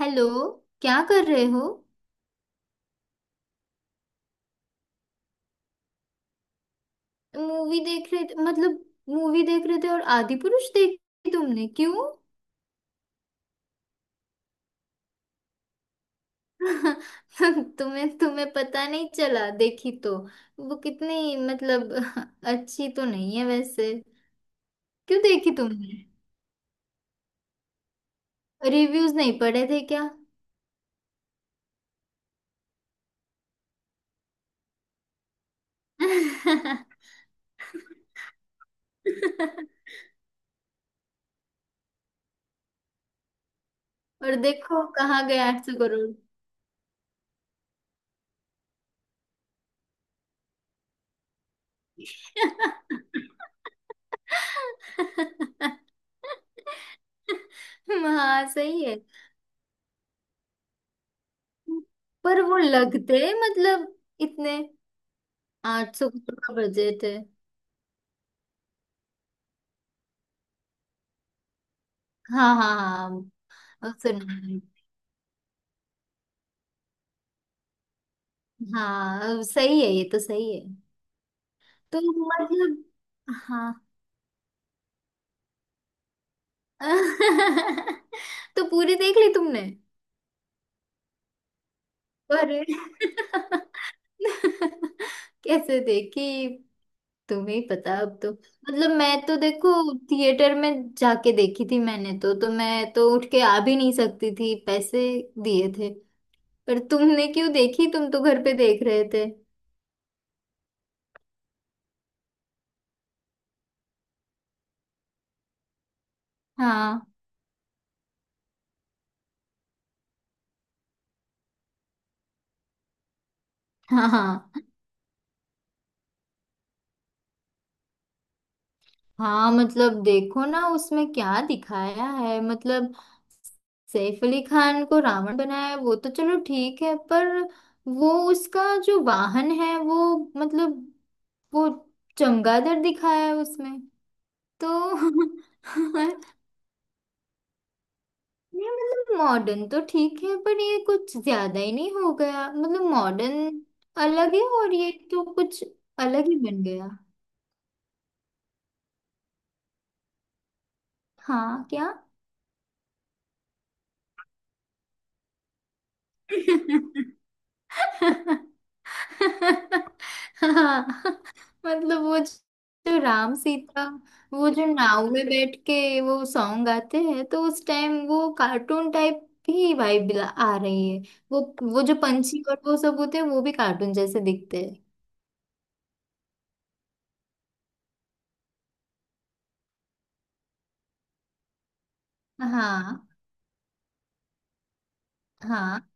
Hello. क्या कर रहे हो? मूवी देख रहे थे मतलब? मूवी देख रहे थे और आदि पुरुष देखी तुमने क्यों? तुम्हें तुम्हें पता नहीं चला, देखी तो। वो कितनी मतलब अच्छी तो नहीं है वैसे। क्यों देखी तुमने? रिव्यूज नहीं पढ़े थे क्या? और देखो, कहाँ गए 800 करोड़। हाँ, सही है। पर वो लगते मतलब, इतने? 800 करोड़ का बजट है। हाँ, हाँ, हाँ, अब सुना है। हाँ, अब सही है, ये तो सही है। तो मतलब, हाँ। तो पूरी देख ली तुमने? अरे कैसे देखी? तुम्हें ही पता अब तो, मतलब, मैं तो देखो। थिएटर में जाके देखी थी मैंने, तो मैं तो उठ के आ भी नहीं सकती थी, पैसे दिए थे। पर तुमने क्यों देखी? तुम तो घर पे देख रहे थे। हाँ, हाँ, हाँ। मतलब देखो ना, उसमें क्या दिखाया है, मतलब। सैफ अली खान को रावण बनाया है, वो तो चलो ठीक है। पर वो उसका जो वाहन है वो, मतलब वो चमगादड़ दिखाया है उसमें। तो ये मतलब मॉडर्न तो ठीक है, पर ये कुछ ज्यादा ही नहीं हो गया मतलब? मॉडर्न अलग है, और ये तो कुछ अलग ही बन गया। हाँ, क्या? हाँ मतलब, वो जो राम सीता, वो जो नाव में बैठ के वो सॉन्ग गाते हैं, तो उस टाइम वो कार्टून टाइप भी वाइब आ रही है, वो। वो जो पंछी और वो सब होते हैं वो भी कार्टून जैसे दिखते हैं। हाँ, हाँ,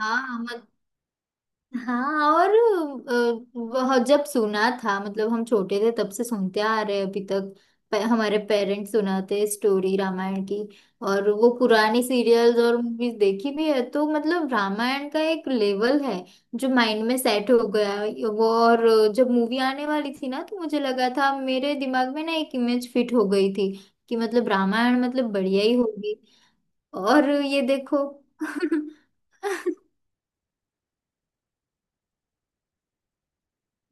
हाँ, हाँ, और वह जब सुना था मतलब, हम छोटे थे तब से सुनते आ रहे हैं अभी तक। हमारे पेरेंट्स सुनाते स्टोरी रामायण की। और वो पुरानी सीरियल्स और मूवीज देखी भी है, तो मतलब रामायण का एक लेवल है जो माइंड में सेट हो गया है। वो और जब मूवी आने वाली थी ना, तो मुझे लगा था, मेरे दिमाग में ना एक इमेज फिट हो गई थी कि मतलब रामायण मतलब बढ़िया ही होगी। और ये देखो।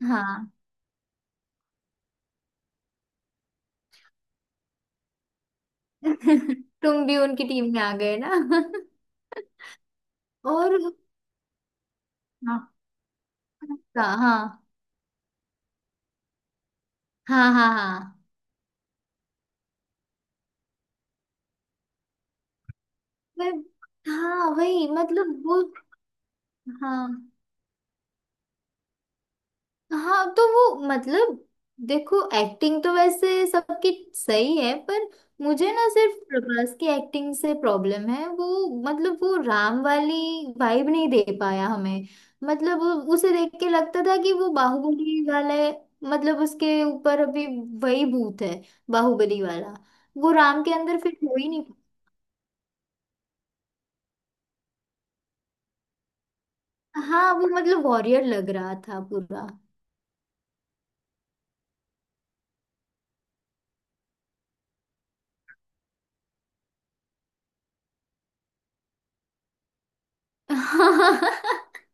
हाँ। तुम भी उनकी टीम में आ गए ना। और, हाँ, हाँ, हाँ, हाँ, हाँ, हाँ, मैं- हाँ, वही मतलब वो। हाँ, हाँ, तो वो मतलब देखो, एक्टिंग तो वैसे सबकी सही है, पर मुझे ना, सिर्फ प्रभास की एक्टिंग से प्रॉब्लम है। वो मतलब वो राम वाली वाइब नहीं दे पाया हमें। मतलब उसे देख के लगता था कि वो बाहुबली वाला है। मतलब उसके ऊपर अभी वही भूत है, बाहुबली वाला। वो राम के अंदर फिट हो ही नहीं। हाँ, वो मतलब वॉरियर लग रहा था पूरा।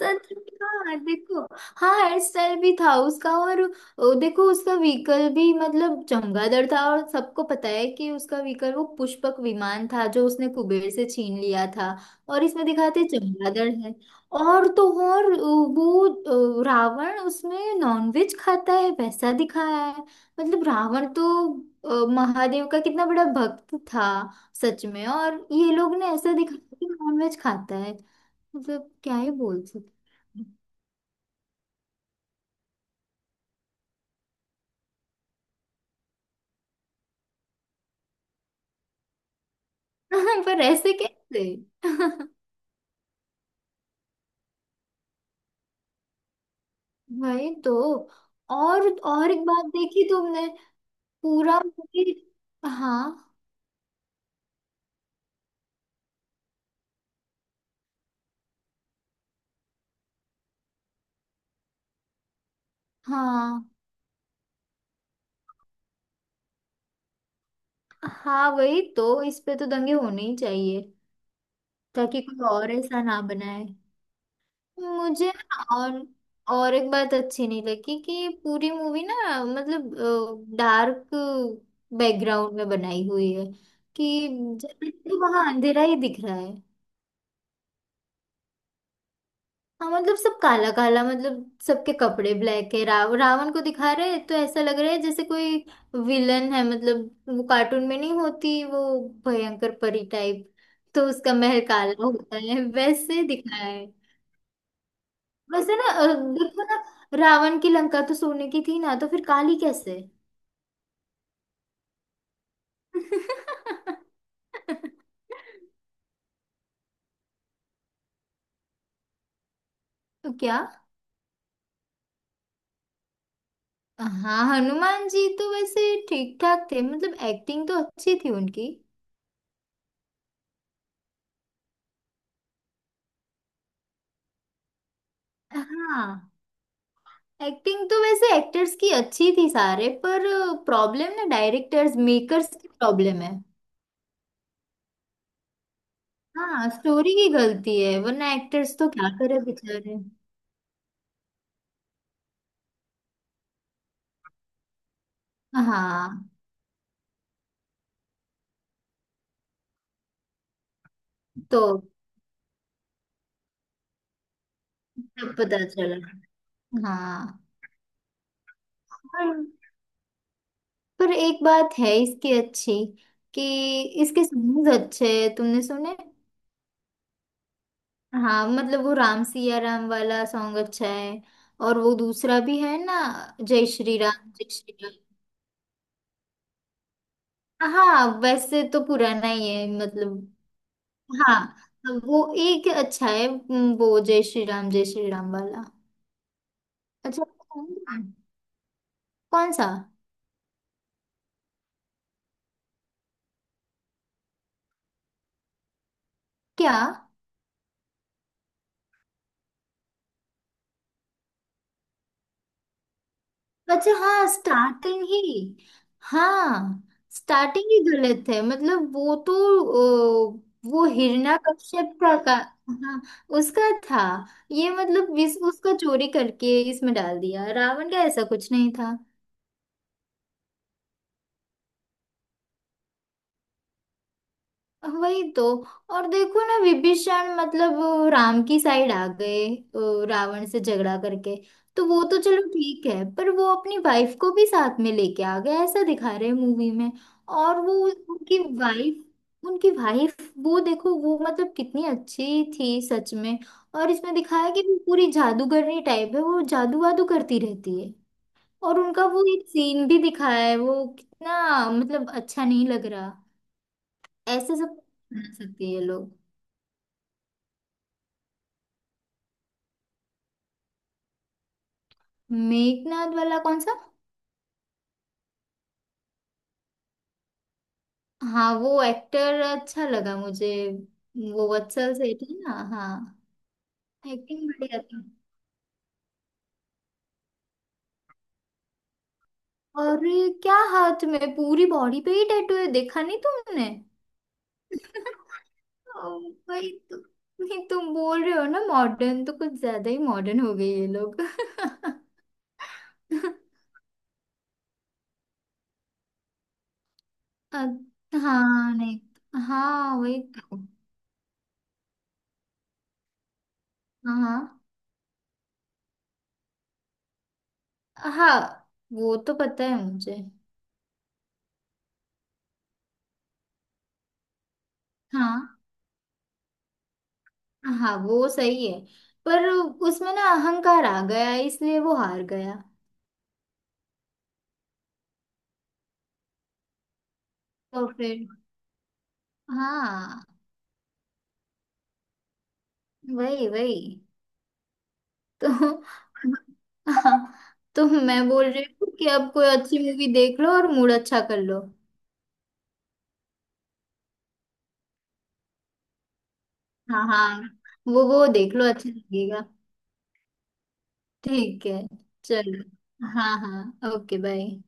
सच में, हाँ देखो। हाँ हेयर स्टाइल भी था उसका, और देखो उसका व्हीकल भी मतलब चमगादड़ था, और सबको पता है कि उसका व्हीकल वो पुष्पक विमान था, जो उसने कुबेर से छीन लिया था। और इसमें दिखाते चमगादड़ है। और तो और वो रावण उसमें नॉनवेज खाता है वैसा दिखाया है। मतलब रावण तो महादेव का कितना बड़ा भक्त था। सच में, और ये लोग ने ऐसा दिखाया कि नॉनवेज खाता है। मतलब क्या ही बोल सकते। पर ऐसे कैसे? वही तो। और एक बात देखी तुमने? पूरा movie- हाँ, हाँ, हाँ, वही तो। इस पे तो दंगे होने ही चाहिए, ताकि कोई और ऐसा ना बनाए। मुझे ना, और एक बात अच्छी नहीं लगी, कि पूरी मूवी ना मतलब डार्क बैकग्राउंड में बनाई हुई है। कि जब तक तो वहां अंधेरा ही दिख रहा। हाँ, मतलब सब काला काला, मतलब सबके कपड़े ब्लैक है, रावण को दिखा रहे हैं, तो ऐसा लग रहा है जैसे कोई विलन है, मतलब वो कार्टून में नहीं होती वो भयंकर परी टाइप, तो उसका महल काला होता है, वैसे दिखाया है। वैसे ना, देखो ना, रावण की लंका तो सोने की थी ना, तो फिर काली कैसे? तो क्या? हाँ, हनुमान जी तो वैसे ठीक ठाक थे, मतलब एक्टिंग तो अच्छी थी उनकी। हाँ, एक्टिंग तो वैसे एक्टर्स की अच्छी थी सारे, पर प्रॉब्लम ना, डायरेक्टर्स मेकर्स की प्रॉब्लम है। हाँ, स्टोरी की गलती है, वरना एक्टर्स तो क्या करे बेचारे। हाँ, तो तब पता चला। हाँ। पर, पर एक बात है इसकी अच्छी, कि इसके सॉन्ग अच्छे हैं, तुमने सुने? हाँ मतलब, वो राम सिया राम वाला सॉन्ग अच्छा है। और वो दूसरा भी है ना, जय श्री राम, जय श्री राम। हाँ, वैसे तो पुराना ही है मतलब। हाँ, तो वो एक अच्छा है, वो जय श्री राम, जय श्री राम वाला। अच्छा, कौन सा? क्या? अच्छा, हाँ, स्टार्टिंग ही। हाँ, स्टार्टिंग ही गलत है, मतलब वो तो। ओ, वो हिरण्यकश्यप का। हाँ, उसका था। ये मतलब उसका चोरी करके इसमें डाल दिया, रावण का ऐसा कुछ नहीं था। वही तो। और देखो ना, विभीषण मतलब वो राम की साइड आ गए, रावण से झगड़ा करके। तो वो तो चलो ठीक है, पर वो अपनी वाइफ को भी साथ में लेके आ गया, ऐसा दिखा रहे हैं मूवी में। और वो उनकी वाइफ उनकी वाइफ, वो देखो वो मतलब, कितनी अच्छी थी सच में। और इसमें दिखाया कि वो पूरी जादूगरनी टाइप है, वो जादू वादू करती रहती है। और उनका वो एक सीन भी दिखाया है, वो कितना मतलब अच्छा नहीं लग। ऐसे सब बना सकती है लोग। मेघनाथ वाला कौन सा? हाँ, वो एक्टर अच्छा लगा मुझे। वो वत्सल सेठ है ना। हाँ, एक्टिंग बढ़िया थी। अरे क्या, हाथ में? पूरी बॉडी पे ही टैटू है, देखा नहीं तुमने? ओ भाई, नहीं, तुम बोल रहे हो ना, मॉडर्न तो कुछ ज्यादा ही मॉडर्न हो गए ये लोग। अ, हाँ, नहीं, हाँ वही तो। हाँ, हाँ, हाँ, वो तो पता है मुझे। हाँ, हाँ, वो सही है। पर उसमें ना अहंकार आ गया, इसलिए वो हार गया। तो फिर, हाँ, वही, वही तो। हाँ, तो मैं बोल रही हूँ कि अब कोई अच्छी मूवी देख लो और मूड अच्छा कर लो। हाँ, हाँ, वो देख लो, अच्छा लगेगा। ठीक है, चलो। हाँ, हाँ, ओके, बाय।